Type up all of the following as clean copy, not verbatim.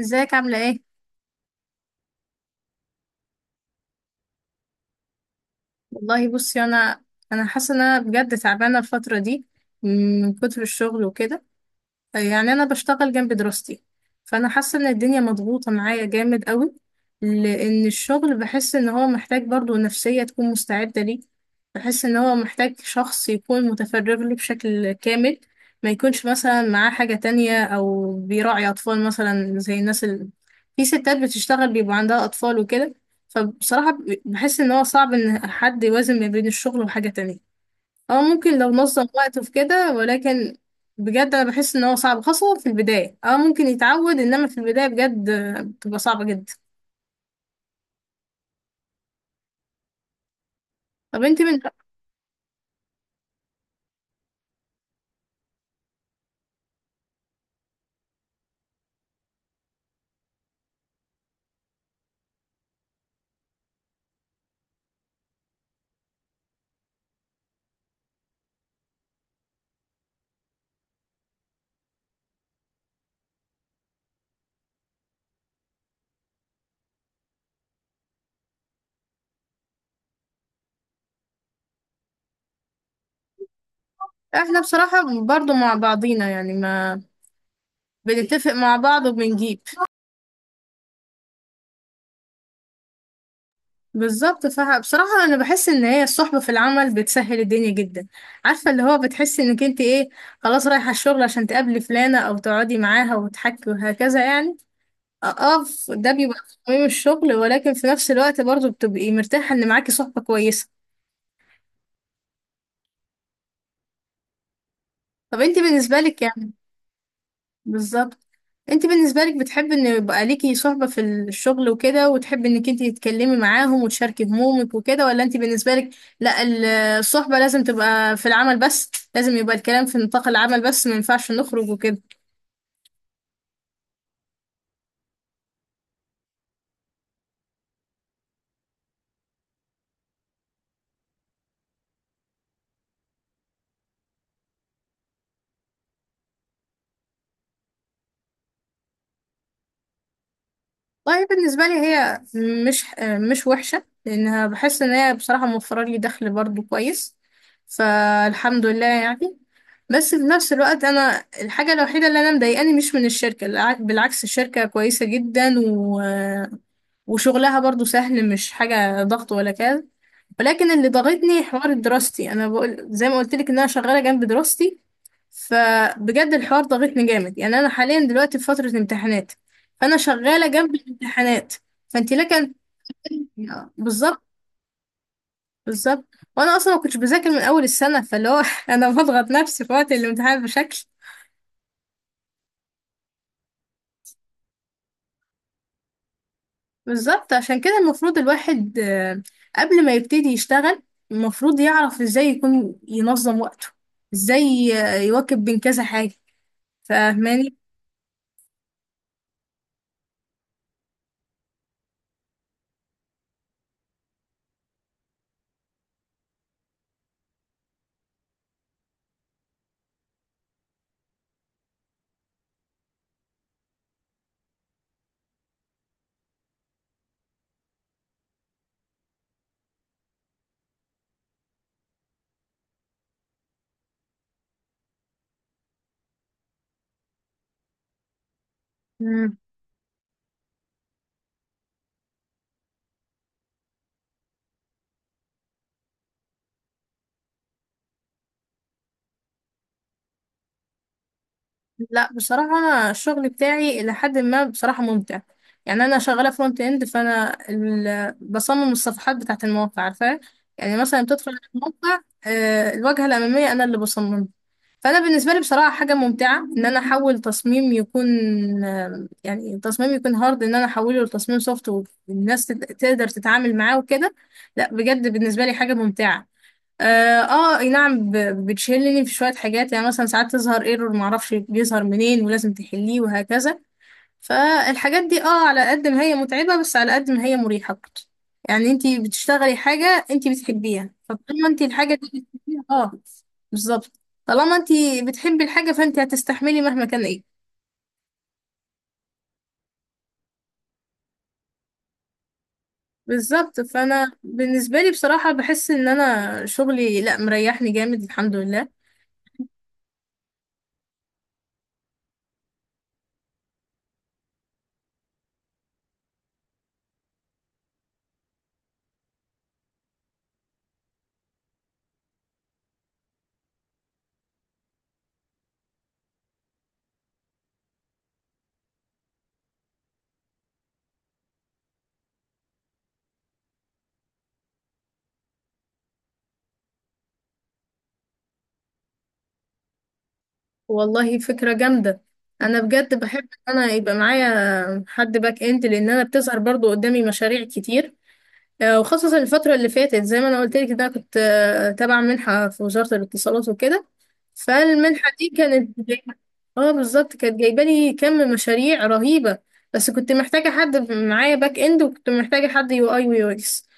ازيك عاملة ايه؟ والله بصي، انا حاسة ان انا بجد تعبانة الفترة دي من كتر الشغل وكده. يعني انا بشتغل جنب دراستي، فانا حاسه ان الدنيا مضغوطه معايا جامد قوي، لان الشغل بحس ان هو محتاج برضو نفسيه تكون مستعده ليه. بحس ان هو محتاج شخص يكون متفرغ له بشكل كامل، ما يكونش مثلا معاه حاجه تانية او بيراعي اطفال، مثلا زي الناس في ستات بتشتغل بيبقى عندها اطفال وكده. فبصراحه بحس ان هو صعب ان حد يوازن ما بين الشغل وحاجه تانية. اه، ممكن لو نظم وقته في كده، ولكن بجد انا بحس ان هو صعب، خاصة في البداية. اه، ممكن يتعود، انما في البداية بجد بتبقى صعبة جدا. طب انت من اه. احنا بصراحة برضو مع بعضينا، يعني ما بنتفق مع بعض وبنجيب. بالظبط، فبصراحة انا بحس ان هي الصحبة في العمل بتسهل الدنيا جدا. عارفة اللي هو بتحس انك انت ايه، خلاص رايحة الشغل عشان تقابلي فلانة او تقعدي معاها وتحكي وهكذا يعني. اه، ده بيبقى في قيم الشغل، ولكن في نفس الوقت برضه بتبقي مرتاحة ان معاكي صحبة كويسة. طب انت بالنسبة لك يعني. بالظبط. انت بالنسبة لك بتحبي ان يبقى ليكي صحبة في الشغل وكده، وتحبي انك انت تتكلمي معاهم وتشاركي همومك وكده، ولا انت بالنسبة لك لا الصحبة لازم تبقى في العمل بس، لازم يبقى الكلام في نطاق العمل بس، ما ينفعش نخرج وكده. والله بالنسبة لي هي مش مش وحشة، لأنها بحس إن هي بصراحة موفرة لي دخل برضو كويس، فالحمد لله يعني. بس في نفس الوقت أنا الحاجة الوحيدة اللي أنا مضايقاني مش من الشركة بالعكس الشركة كويسة جدا، وشغلها برضو سهل، مش حاجة ضغط ولا كده، ولكن اللي ضغطني حوار دراستي. أنا بقول زي ما قلت لك إن أنا شغالة جنب دراستي، فبجد الحوار ضاغطني جامد. يعني انا حاليا دلوقتي في فترة امتحانات، فانا شغالة جنب الامتحانات. فانت لك بالظبط. بالظبط، وانا اصلا ما كنتش بذاكر من اول السنة، فاللي هو انا بضغط نفسي في وقت الامتحان بشكل. بالظبط، عشان كده المفروض الواحد قبل ما يبتدي يشتغل المفروض يعرف ازاي يكون ينظم وقته، ازاي يواكب بين كذا حاجة. فاهماني؟ لا بصراحة أنا الشغل بتاعي إلى حد ما بصراحة ممتع. يعني أنا شغالة فرونت إند، فأنا بصمم الصفحات بتاعة المواقع، عارفة؟ يعني مثلا بتدخل على الموقع، الواجهة الأمامية أنا اللي بصممها. فأنا بالنسبة لي بصراحة حاجة ممتعة إن أنا أحول تصميم يكون يعني تصميم يكون هارد إن أنا أحوله لتصميم سوفت، والناس تقدر تتعامل معاه وكده. لا بجد بالنسبة لي حاجة ممتعة. اه، اي نعم، بتشيلني في شويه حاجات. يعني مثلا ساعات تظهر ايرور، معرفش بيظهر منين، ولازم تحليه وهكذا. فالحاجات دي، اه، على قد ما هي متعبه، بس على قد ما هي مريحه برضه. يعني انتي بتشتغلي حاجه انتي بتحبيها، فطالما انتي الحاجه دي بتحبيها اه. بالظبط، طالما انتي بتحبي الحاجه فانتي هتستحملي مهما كان ايه. بالظبط، فانا بالنسبه لي بصراحه بحس ان انا شغلي لا مريحني جامد، الحمد لله. والله فكرة جامدة. أنا بجد بحب إن أنا يبقى معايا حد باك إند، لأن أنا بتظهر برضو قدامي مشاريع كتير. وخصوصا الفترة اللي فاتت، زي ما أنا قلت لك إن أنا كنت تابعة منحة في وزارة الاتصالات وكده. فالمنحة دي كانت جايبة. اه بالظبط، كانت جايبة لي كم مشاريع رهيبة. بس كنت محتاجة حد معايا باك إند، وكنت محتاجة حد يو أي ويو إكس.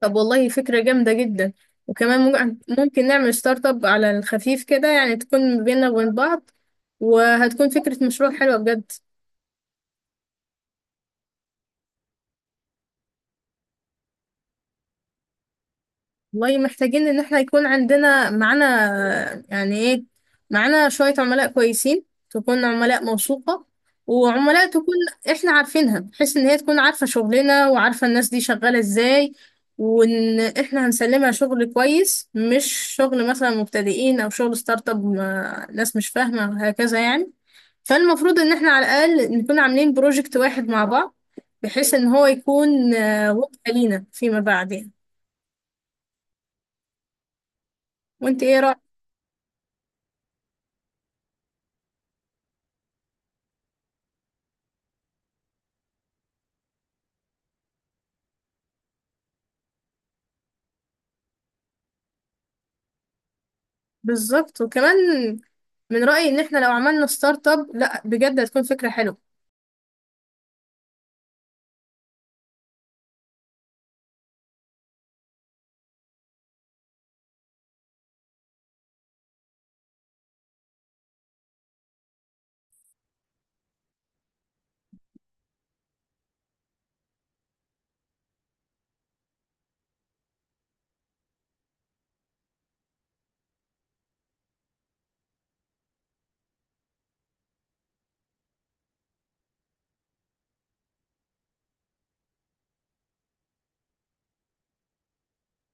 طب والله فكرة جامدة جدا، وكمان ممكن نعمل ستارت اب على الخفيف كده، يعني تكون بيننا وبين بعض، وهتكون فكرة مشروع حلوة بجد. والله محتاجين ان احنا يكون عندنا معانا، يعني ايه، معانا شوية عملاء كويسين، تكون عملاء موثوقة، وعملاء تكون احنا عارفينها، بحيث ان هي تكون عارفة شغلنا وعارفة الناس دي شغالة ازاي، وان احنا هنسلمها شغل كويس، مش شغل مثلا مبتدئين او شغل ستارت اب، ناس مش فاهمة هكذا يعني. فالمفروض ان احنا على الاقل نكون عاملين بروجكت واحد مع بعض، بحيث ان هو يكون وقت لينا فيما بعد يعني. وانت ايه رأيك؟ بالظبط، وكمان من رأيي ان احنا لو عملنا ستارت اب، لا بجد هتكون فكرة حلوة.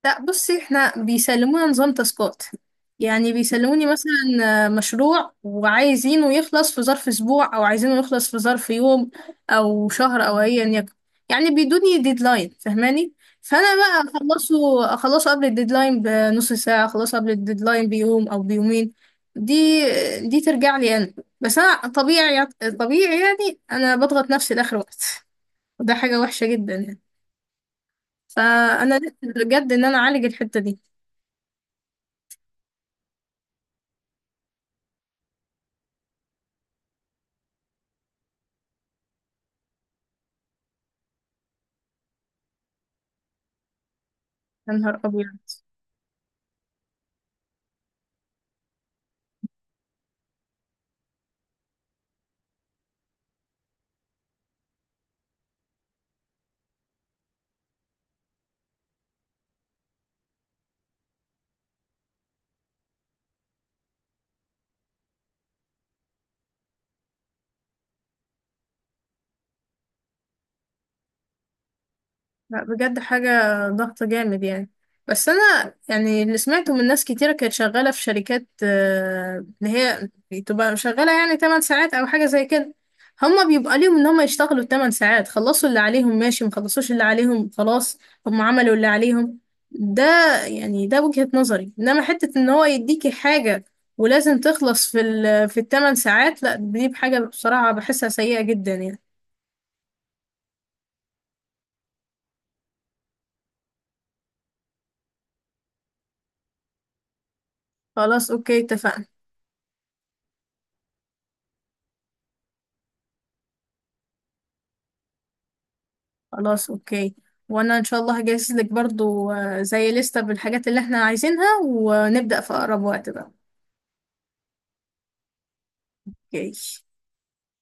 لا بصي، احنا بيسلمونا نظام تاسكات. يعني بيسلموني مثلا مشروع، وعايزينه يخلص في ظرف اسبوع، او عايزينه يخلص في ظرف يوم، او شهر، او ايا يكن. يعني بيدوني ديدلاين، فاهماني؟ فانا بقى اخلصه قبل الديدلاين بنص ساعة، اخلصه قبل الديدلاين بيوم او بيومين. دي دي ترجع لي انا. بس انا طبيعي يعني انا بضغط نفسي لاخر وقت، وده حاجة وحشة جدا يعني. فانا نفسي بجد ان انا اعالج الحتة دي. يا نهار أبيض! لا بجد حاجة ضغط جامد يعني. بس أنا يعني اللي سمعته من ناس كتيرة كانت شغالة في شركات اللي هي بتبقى شغالة يعني 8 ساعات أو حاجة زي كده. هما بيبقى ليهم إن هما يشتغلوا 8 ساعات، خلصوا اللي عليهم ماشي، مخلصوش اللي عليهم خلاص، هما عملوا اللي عليهم. ده يعني ده وجهة نظري. إنما حتة إن هو يديكي حاجة ولازم تخلص في الثمان ساعات، لا دي بحاجة بصراحة بحسها سيئة جدا يعني. خلاص أوكي اتفقنا. خلاص اوكي، وانا ان شاء الله هجهز لك برضو زي لستة بالحاجات اللي احنا عايزينها، ونبدأ في اقرب وقت بقى. اوكي.